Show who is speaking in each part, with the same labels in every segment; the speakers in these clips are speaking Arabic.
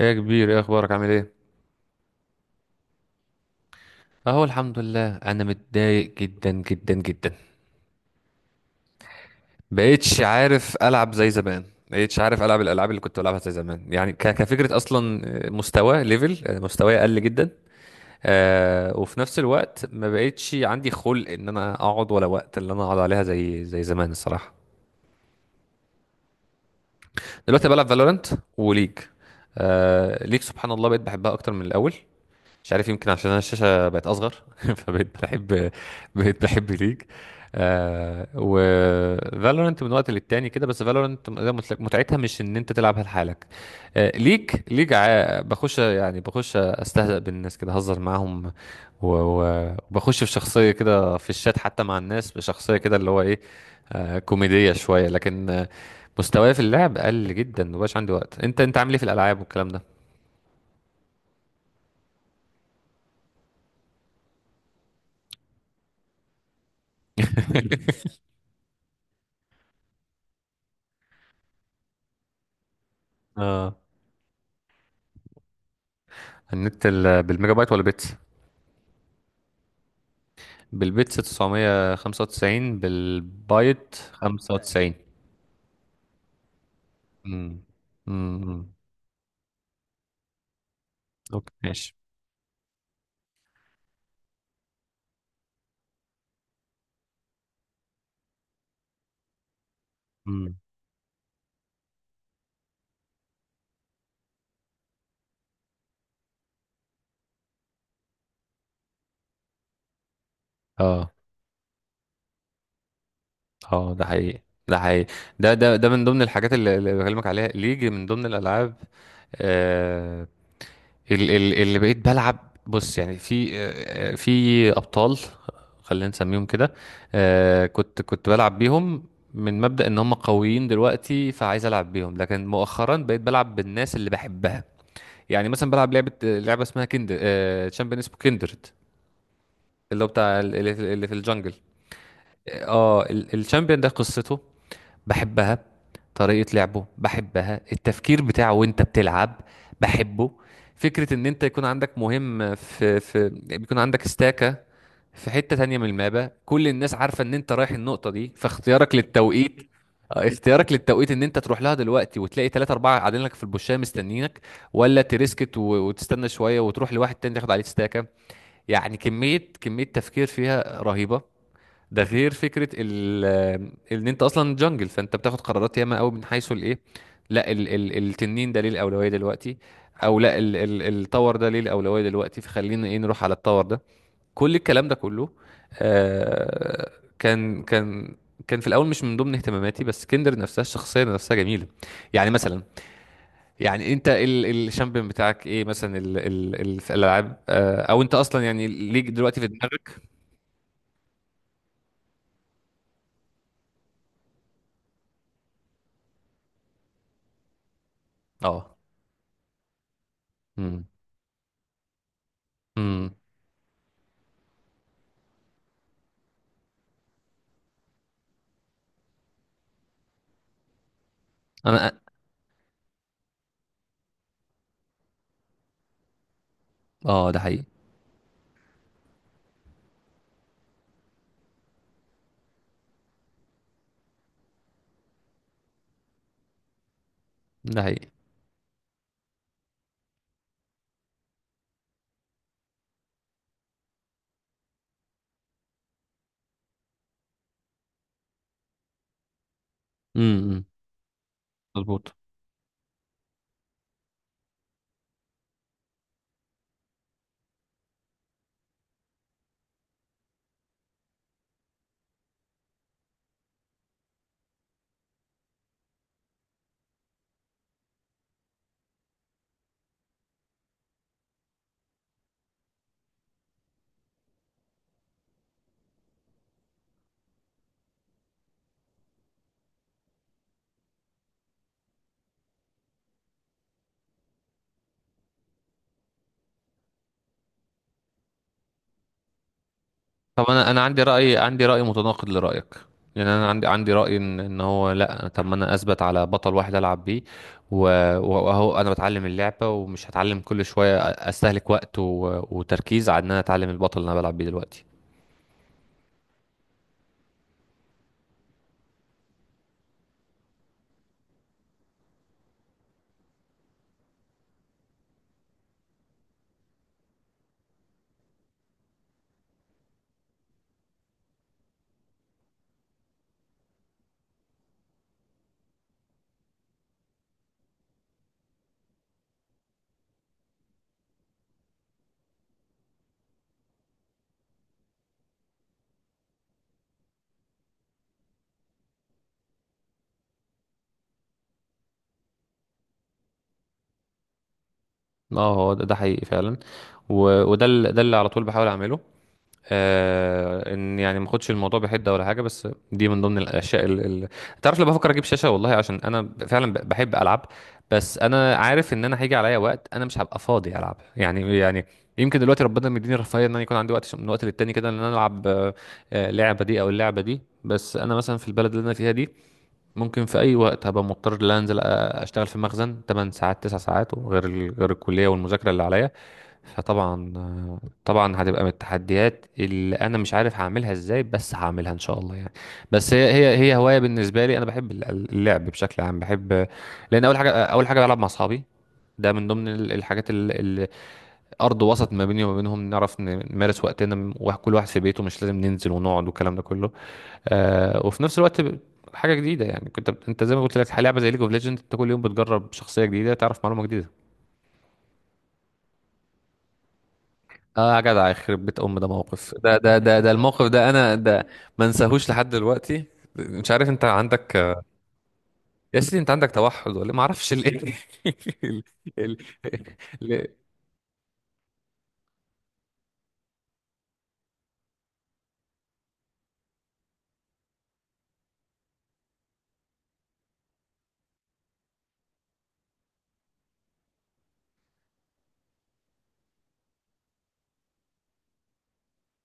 Speaker 1: ايه يا كبير، ايه اخبارك؟ عامل ايه؟ اهو الحمد لله. انا متضايق جدا جدا جدا. بقيتش عارف العب زي زمان. بقيتش عارف العب الالعاب اللي كنت بلعبها زي زمان، يعني كفكره اصلا. مستوى مستواي قل جدا. وفي نفس الوقت ما بقيتش عندي خلق ان انا اقعد، ولا وقت اللي انا اقعد عليها زي زمان الصراحه. دلوقتي بلعب فالورانت وليج. آه، ليج سبحان الله بقيت بحبها اكتر من الاول. مش عارف، يمكن عشان انا الشاشه بقت اصغر. فبقيت بحب، بقيت بحب ليج. آه، و فالورنت من وقت للتاني كده، بس فالورنت متعتها مش ان انت تلعبها لحالك. آه، ليج ليج بخش، يعني بخش استهزأ بالناس كده، اهزر معاهم. وبخش في شخصيه كده في الشات، حتى مع الناس بشخصيه كده اللي هو ايه، آه، كوميديه شويه. لكن مستواي في اللعب قل جدا، مبقاش عندي وقت. انت عامل ايه في الالعاب والكلام ده؟ اه. النت بالميجا بايت ولا بيتس؟ بالبيتس 995، بالبايت 95. امم امم اوكي ماشي. امم اه. اه، ده حقيقي، ده حقيقي. ده من ضمن الحاجات اللي بكلمك عليها، اللي يجي من ضمن الالعاب. آه، اللي بقيت بلعب. بص، يعني في في ابطال، خلينا نسميهم كده. آه، كنت بلعب بيهم من مبدأ ان هم قويين دلوقتي، فعايز العب بيهم. لكن مؤخرا بقيت بلعب بالناس اللي بحبها. يعني مثلا بلعب لعبة اسمها كندر، تشامبيون اسمه كندرد، اللي هو بتاع اللي اللي في الجنجل. اه، الشامبيون ده قصته بحبها، طريقة لعبه بحبها، التفكير بتاعه وانت بتلعب بحبه. فكرة ان انت يكون عندك مهم في بيكون عندك استاكة في حتة تانية من المابا، كل الناس عارفة ان انت رايح النقطة دي، فاختيارك للتوقيت، اختيارك للتوقيت ان انت تروح لها دلوقتي وتلاقي ثلاثة اربعة قاعدين لك في البوشية مستنيينك، ولا تريسكت وتستنى شوية وتروح لواحد تاني تاخد عليه استاكة. يعني كمية تفكير فيها رهيبة. ده غير فكره ال ان انت اصلا جنجل، فانت بتاخد قرارات ياما قوي من حيث الايه. لا، ال ال التنين ده ليه الاولويه دلوقتي، او لا ال ال التور ده ليه الاولويه دلوقتي، فخلينا ايه نروح على التور ده. كل الكلام ده كله آه، كان كان في الاول مش من ضمن اهتماماتي. بس كندر نفسها، الشخصيه نفسها جميله. يعني مثلا، يعني انت ال الشامبيون بتاعك ايه مثلا، ال ال ال في الالعاب؟ آه، او انت اصلا يعني ليك دلوقتي في دماغك؟ اه. امم امم انا. اه، ده حقيقي، ده حقيقي. امم مظبوط. طب انا، عندي راي، عندي راي متناقض لرايك. يعني انا عندي راي ان هو لا، طب ما انا اثبت على بطل واحد العب بيه و- واهو انا بتعلم اللعبه، ومش هتعلم كل شويه استهلك وقت وتركيز على ان انا اتعلم البطل اللي انا بلعب بيه دلوقتي. اه، هو ده حقيقي فعلا. وده ده اللي على طول بحاول اعمله. آه، ان يعني ما اخدش الموضوع بحده ولا حاجه. بس دي من ضمن الاشياء اللي تعرف، لما بفكر اجيب شاشه والله، عشان انا فعلا بحب العب. بس انا عارف ان انا هيجي عليا وقت انا مش هبقى فاضي العب، يعني يعني يمكن دلوقتي ربنا مديني الرفاهيه ان انا يكون عندي وقت من وقت للتاني كده، ان انا العب لعبه دي او اللعبه دي. بس انا مثلا في البلد اللي انا فيها دي، ممكن في اي وقت هبقى مضطر ان أنا انزل اشتغل في مخزن 8 ساعات 9 ساعات، وغير غير الكليه والمذاكره اللي عليا. فطبعا طبعا هتبقى من التحديات اللي انا مش عارف هعملها ازاي، بس هعملها ان شاء الله يعني. بس هي هوايه بالنسبه لي، انا بحب اللعب بشكل عام بحب. لان اول حاجه، بلعب مع اصحابي، ده من ضمن الحاجات اللي ارض وسط ما بيني وما بينهم نعرف نمارس وقتنا، وكل واحد في بيته، مش لازم ننزل ونقعد والكلام ده كله. آه، وفي نفس الوقت حاجه جديده، يعني كنت انت زي ما قلت لك، لعبه زي ليج اوف ليجند انت كل يوم بتجرب شخصيه جديده، تعرف معلومه جديده. اه يا جدع، يخرب بيت ام ده موقف، ده الموقف ده انا ده ما انساهوش لحد دلوقتي. مش عارف انت عندك، يا سيدي انت عندك توحد ولا إيه؟ ما اعرفش ليه. ال... ال... ليه؟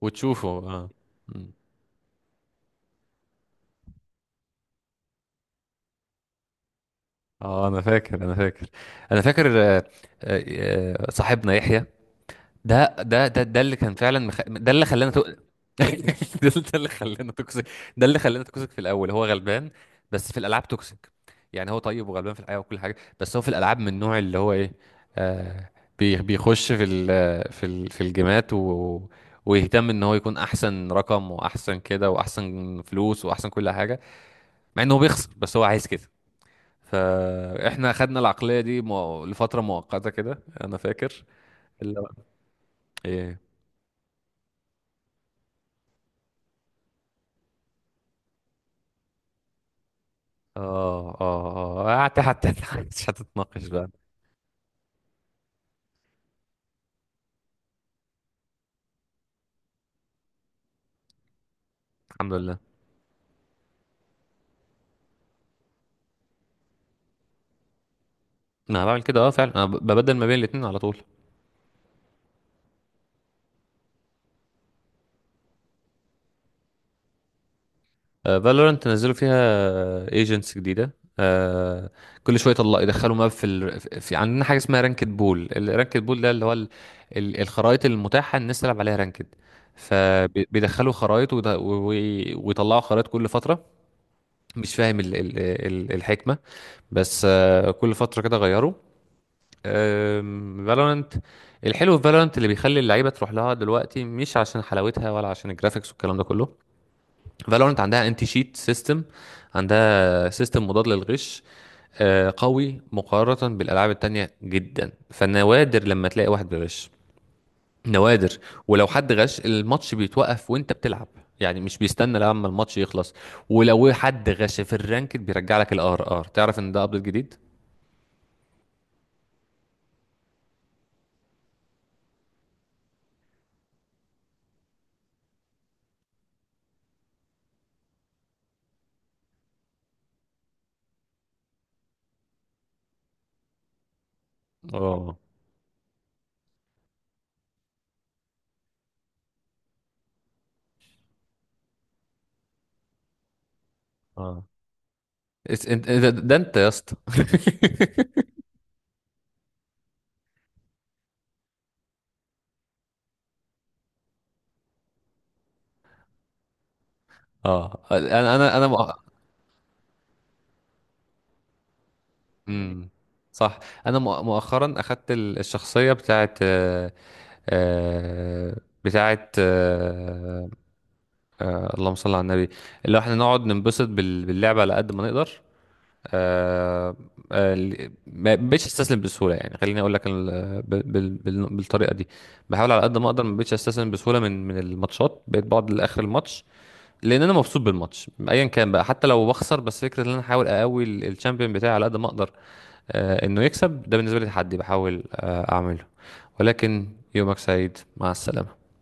Speaker 1: وتشوفه، اه. اه انا فاكر انا فاكر. آه، آه، صاحبنا يحيى. ده اللي كان فعلا ده اللي خلانا ده اللي خلانا توكسيك. ده اللي خلانا توكسيك. في الاول هو غلبان، بس في الالعاب توكسيك. يعني هو طيب وغلبان في الحياه وكل حاجه، بس هو في الالعاب من النوع اللي هو ايه، آه، بيخش في في الجيمات ويهتم ان هو يكون احسن رقم واحسن كده واحسن فلوس واحسن كل حاجه، مع انه بيخسر، بس هو عايز كده. فاحنا خدنا العقليه دي لفتره مؤقته كده انا فاكر. اللي هو ايه؟ اه، حتى مش هتتناقش بقى. الحمد لله. انا بعمل كده، اه فعلا، انا ببدل ما بين الاتنين على طول. فالورنت نزلوا فيها ايجنتس جديده، آه، كل شويه يطلع يدخلوا ماب في, في عندنا حاجه اسمها رانكد بول. الرانكد بول ده اللي هو الخرائط المتاحه الناس تلعب عليها رانكد. فبيدخلوا خرائط ويطلعوا خرائط كل فتره. مش فاهم الحكمه، بس آه كل فتره كده غيروا فالورانت. الحلو في فالورانت اللي بيخلي اللعيبه تروح لها دلوقتي مش عشان حلاوتها ولا عشان الجرافيكس والكلام ده كله. فالورانت عندها انتي شيت سيستم، عندها سيستم مضاد للغش آه، قوي مقارنه بالالعاب التانية جدا، فنوادر لما تلاقي واحد بيغش، نوادر. ولو حد غش الماتش بيتوقف وانت بتلعب، يعني مش بيستنى لما الماتش يخلص. ولو حد غش في الرانك بيرجع لك الار ار، تعرف ان ده ابديت جديد. اه، اه ده انت يا اسطى. اه، انا مم. صح. انا مؤخرا اخدت الشخصيه بتاعت آه، بتاعت اللهم صل على النبي، اللي هو احنا نقعد ننبسط باللعبه على قد ما نقدر. آه، ما بقتش استسلم بسهوله، يعني خليني اقول لك بالطريقه دي. بحاول على قد ما اقدر، ما بقتش استسلم بسهوله من الماتشات، بقيت بقعد لاخر الماتش، لان انا مبسوط بالماتش ايا كان بقى، حتى لو بخسر. بس فكره ان انا احاول اقوي الشامبيون بتاعي على قد ما اقدر آه، انه يكسب، ده بالنسبه لي تحدي بحاول اعمله، ولكن يومك سعيد مع السلامه.